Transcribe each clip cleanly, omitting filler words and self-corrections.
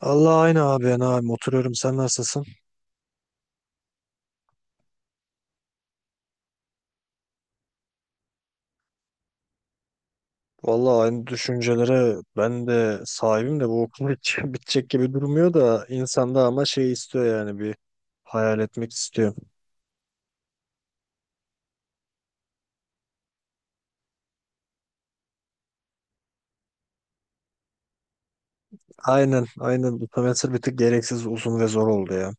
Allah aynı abi ben abi oturuyorum sen nasılsın? Vallahi aynı düşüncelere ben de sahibim de bu okul hiç bitecek gibi durmuyor da insanda ama şey istiyor yani bir hayal etmek istiyor. Aynen aynen bu semestr bir tık gereksiz uzun ve zor oldu ya.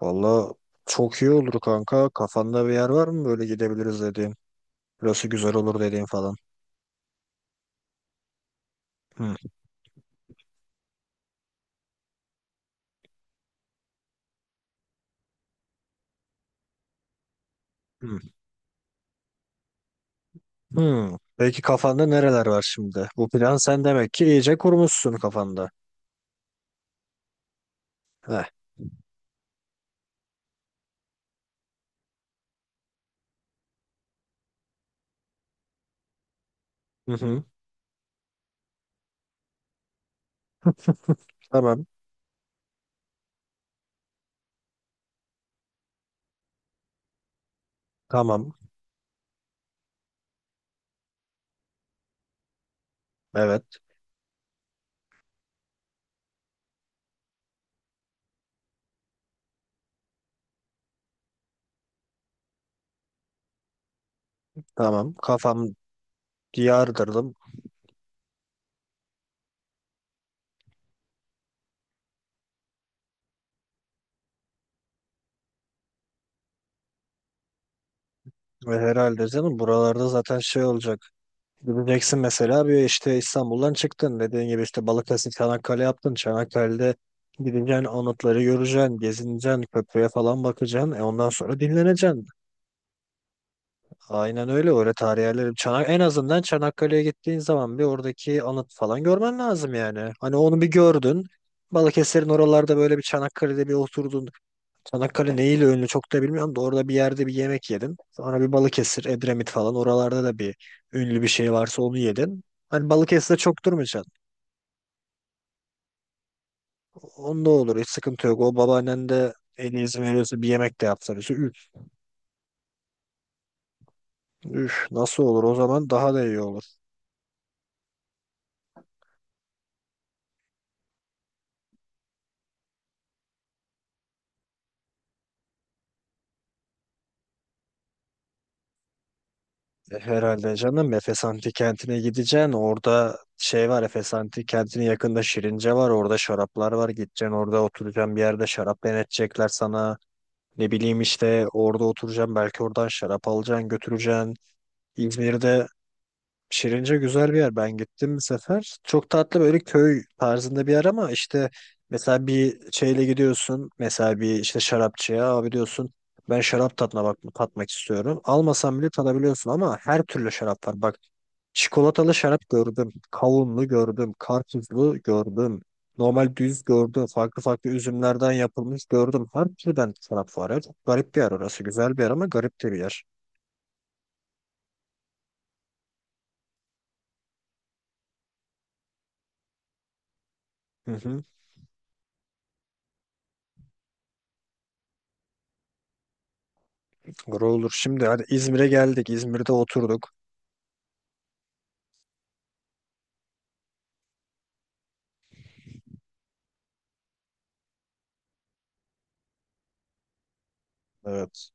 Vallahi çok iyi olur kanka, kafanda bir yer var mı böyle gidebiliriz dediğin? Burası güzel olur dediğin falan. Hı, hı, hı. Peki kafanda nereler var şimdi? Bu plan sen demek ki iyice kurmuşsun kafanda. Heh. Hı hı. Tamam. Tamam. Evet tamam, kafam diyardırdım ve herhalde canım buralarda zaten şey olacak. Gideceksin mesela bir işte İstanbul'dan çıktın dediğin gibi işte Balıkesir Çanakkale yaptın. Çanakkale'de gideceksin anıtları göreceksin, gezineceksin, köprüye falan bakacaksın. E ondan sonra dinleneceksin. Aynen öyle öyle tarih yerleri. En azından Çanakkale'ye gittiğin zaman bir oradaki anıt falan görmen lazım yani. Hani onu bir gördün. Balıkesir'in oralarda böyle bir Çanakkale'de bir oturdun. Çanakkale neyle ünlü çok da bilmiyorum da orada bir yerde bir yemek yedim. Sonra bir Balıkesir, Edremit falan oralarda da bir ünlü bir şey varsa onu yedin. Hani Balıkesir'de çok durmayacaksın. Onda olur, hiç sıkıntı yok. O babaannen de eli izin veriyorsa bir yemek de yapsa bize. Üf, üf, nasıl olur, o zaman daha da iyi olur. E, herhalde canım Efes Antik Kenti'ne gideceksin. Orada şey var, Efes Antik Kenti'nin yakında Şirince var. Orada şaraplar var. Gideceksin orada oturacaksın bir yerde, şarap denetecekler sana. Ne bileyim işte orada oturacağım, belki oradan şarap alacaksın götüreceksin. İzmir'de Şirince güzel bir yer. Ben gittim bir sefer. Çok tatlı böyle köy tarzında bir yer ama işte mesela bir şeyle gidiyorsun. Mesela bir işte şarapçıya abi diyorsun. Ben şarap tadına bak tatmak istiyorum. Almasam bile tadabiliyorsun ama her türlü şarap var. Bak, çikolatalı şarap gördüm. Kavunlu gördüm. Karpuzlu gördüm. Normal düz gördüm. Farklı farklı üzümlerden yapılmış gördüm. Her türden şarap var ya. Çok garip bir yer orası. Güzel bir yer ama garip de bir yer. Hı hı. Doğru olur. Şimdi hadi İzmir'e geldik. İzmir'de oturduk. Evet.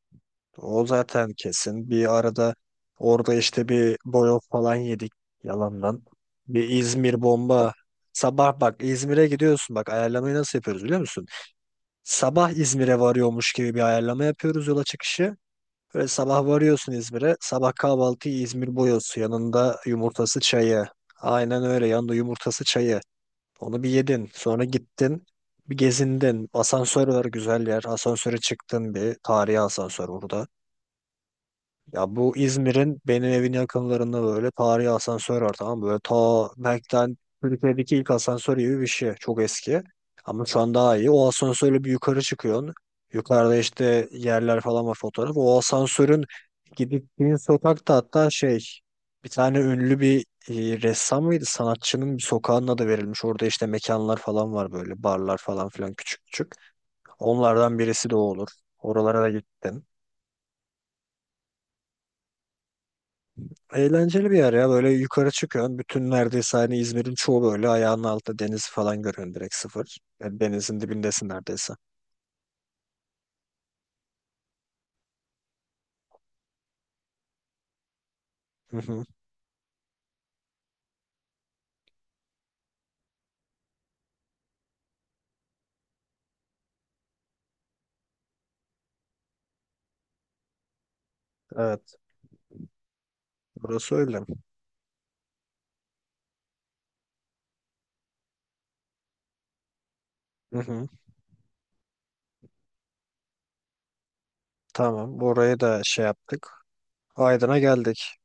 O zaten kesin. Bir arada orada işte bir boyoz falan yedik yalandan. Bir İzmir bomba. Sabah bak İzmir'e gidiyorsun. Bak ayarlamayı nasıl yapıyoruz biliyor musun? Sabah İzmir'e varıyormuş gibi bir ayarlama yapıyoruz yola çıkışı. Böyle sabah varıyorsun İzmir'e. Sabah kahvaltıyı İzmir boyozu, yanında yumurtası çayı. Aynen öyle, yanında yumurtası çayı. Onu bir yedin. Sonra gittin. Bir gezindin. Asansör var, güzel yer. Asansöre çıktın bir. Tarihi asansör burada. Ya bu İzmir'in benim evin yakınlarında böyle tarihi asansör var, tamam mı? Böyle belki de Türkiye'deki ilk asansör gibi bir şey. Çok eski. Ama şu an daha iyi. O asansörle bir yukarı çıkıyorsun. Yukarıda işte yerler falan var, fotoğraf. O asansörün gittiğin sokakta hatta şey, bir tane ünlü bir ressam mıydı? Sanatçının bir sokağının adı verilmiş. Orada işte mekanlar falan var, böyle barlar falan filan küçük küçük. Onlardan birisi de o olur. Oralara da gittim. Eğlenceli bir yer ya. Böyle yukarı çıkıyorsun. Bütün neredeyse hani İzmir'in çoğu böyle ayağının altında, deniz falan görüyorsun direkt sıfır. Yani denizin dibindesin neredeyse. Hı hı. Evet. Burası öyle. Hı hı. Tamam. Orayı da şey yaptık. Aydın'a geldik.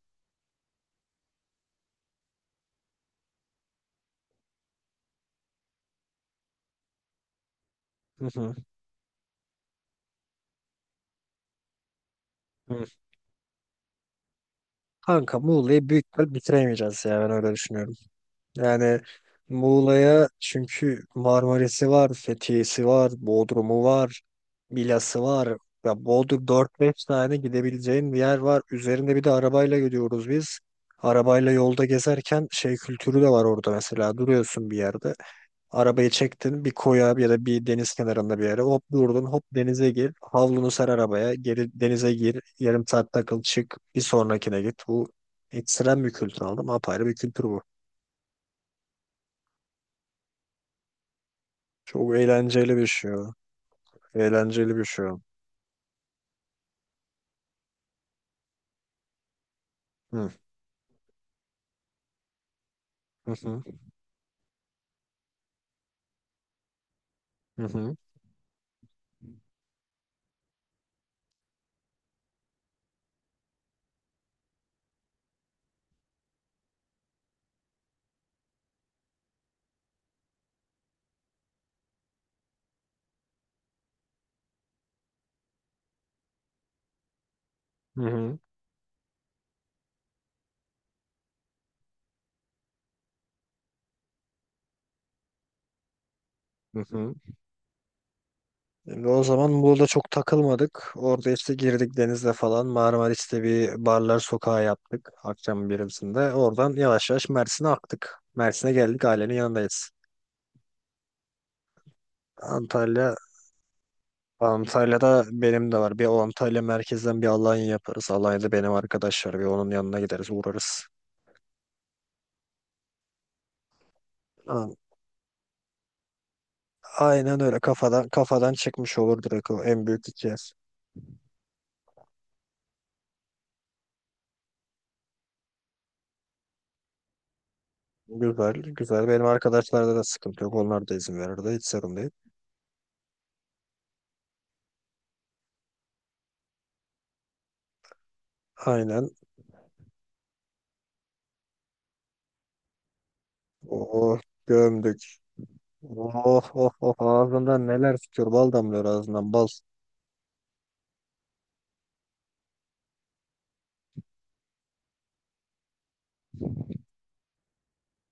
Hı hı. Hı. Kanka Muğla'yı büyük ihtimal bitiremeyeceğiz ya, ben öyle düşünüyorum. Yani Muğla'ya çünkü Marmaris'i var, Fethiye'si var, Bodrum'u var, Milas'ı var. Ya Bodrum dört beş tane gidebileceğin bir yer var. Üzerinde bir de arabayla gidiyoruz biz. Arabayla yolda gezerken şey kültürü de var orada mesela. Duruyorsun bir yerde. Arabayı çektin bir koya ya da bir deniz kenarında bir yere. Hop durdun hop denize gir. Havlunu ser arabaya. Geri denize gir. Yarım saat takıl çık. Bir sonrakine git. Bu ekstrem bir kültür aldım. Apayrı bir kültür bu. Çok eğlenceli bir şey o. Eğlenceli bir şey o. Hı hı, hı hı. Hı. Hı hı. Hı hı. Şimdi o zaman burada çok takılmadık. Orada işte girdik denizde falan. Marmaris'te bir barlar sokağı yaptık. Akşam birimsinde. Oradan yavaş yavaş Mersin'e aktık. Mersin'e geldik, ailenin yanındayız. Antalya, Antalya'da benim de var. Bir o Antalya merkezden bir Alanya yaparız. Alanya'da benim arkadaş var. Bir onun yanına gideriz, uğrarız. A- Aynen öyle, kafadan kafadan çıkmış olur direkt o en büyük iki yer. Güzel, güzel. Benim arkadaşlarda da sıkıntı yok. Onlar da izin verirdi. Hiç sorun değil. Aynen. Oh, gömdük. Oh, oh, oh. Ağzından neler tutuyor. Bal damlıyor ağzından, bal.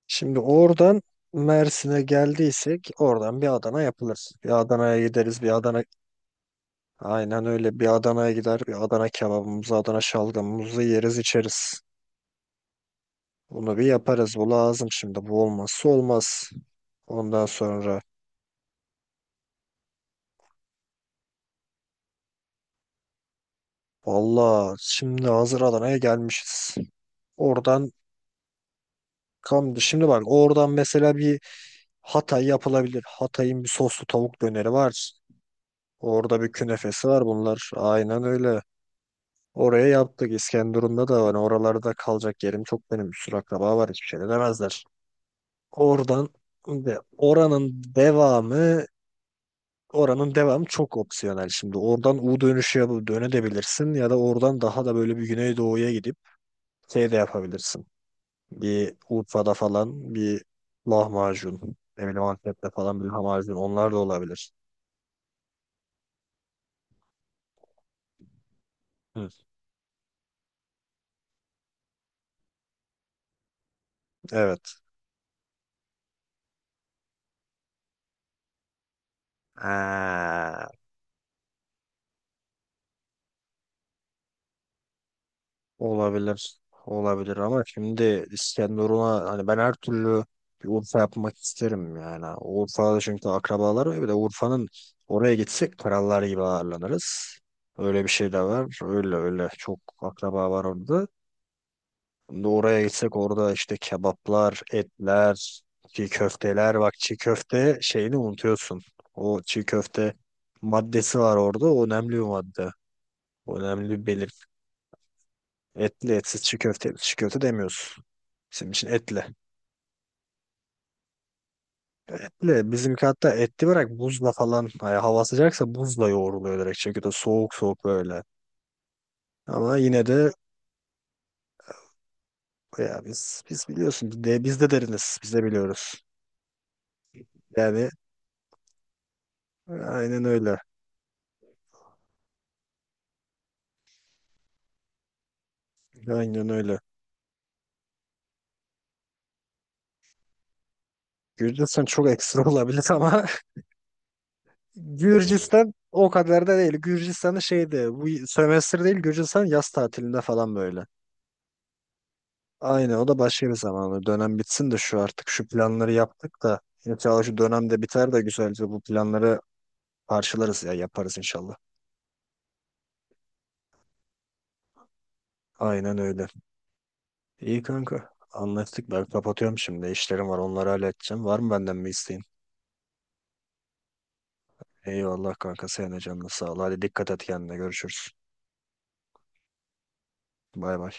Şimdi oradan Mersin'e geldiysek oradan bir Adana yapılır. Bir Adana'ya gideriz. Bir Adana Aynen öyle. Bir Adana'ya gider, bir Adana kebabımızı, Adana şalgamımızı yeriz, içeriz. Bunu bir yaparız. Bu lazım şimdi. Bu olmazsa olmaz. Ondan sonra valla şimdi hazır Adana'ya gelmişiz. Oradan şimdi bak, oradan mesela bir Hatay yapılabilir. Hatay'ın bir soslu tavuk döneri var. Orada bir künefesi var bunlar. Aynen öyle. Oraya yaptık. İskenderun'da da var. Oralarda kalacak yerim çok benim. Bir sürü akraba var. Hiçbir şey de demezler. Oradan ve oranın devamı çok opsiyonel şimdi. Oradan U dönüşü yapıp dönebilirsin ya da oradan daha da böyle bir Güneydoğu'ya gidip şey de yapabilirsin. Bir Urfa'da falan bir lahmacun. Ne bileyim Antep'te falan bir lahmacun. Onlar da olabilir. Hı. Evet. Ha. Olabilir. Olabilir ama şimdi İskenderun'a hani ben her türlü bir Urfa yapmak isterim yani. Urfa'da çünkü akrabalar var. Bir de Urfa'nın oraya gitsek krallar gibi ağırlanırız. Öyle bir şey de var. Öyle öyle çok akraba var orada. Şimdi oraya gitsek orada işte kebaplar, etler, çiğ köfteler. Bak çiğ köfte şeyini unutuyorsun. O çiğ köfte maddesi var orada. O önemli bir madde. O Önemli bir Etli, etsiz çiğ köfte, etsiz çiğ köfte demiyoruz. Bizim için etli. Etli bizimki, hatta etli bırak buzla falan, hani hava sıcaksa buzla yoğruluyor direkt çiğ köfte, soğuk soğuk böyle. Ama yine de ya biz biliyorsun biz de deriniz, biz de biliyoruz. Yani aynen öyle. Aynen öyle. Gürcistan çok ekstra olabilir ama Gürcistan o kadar da değil. Gürcistan'da şeydi, bu sömestr değil, Gürcistan yaz tatilinde falan böyle. Aynen, o da başka bir zaman. Dönem bitsin de şu, artık şu planları yaptık da inşallah şu dönemde biter de güzelce bu planları parçalarız ya, yaparız inşallah. Aynen öyle. İyi kanka. Anlaştık, ben kapatıyorum şimdi. İşlerim var, onları halledeceğim. Var mı benden bir isteğin? Eyvallah kanka, senin de canına sağ ol. Hadi dikkat et kendine, görüşürüz. Bay bay.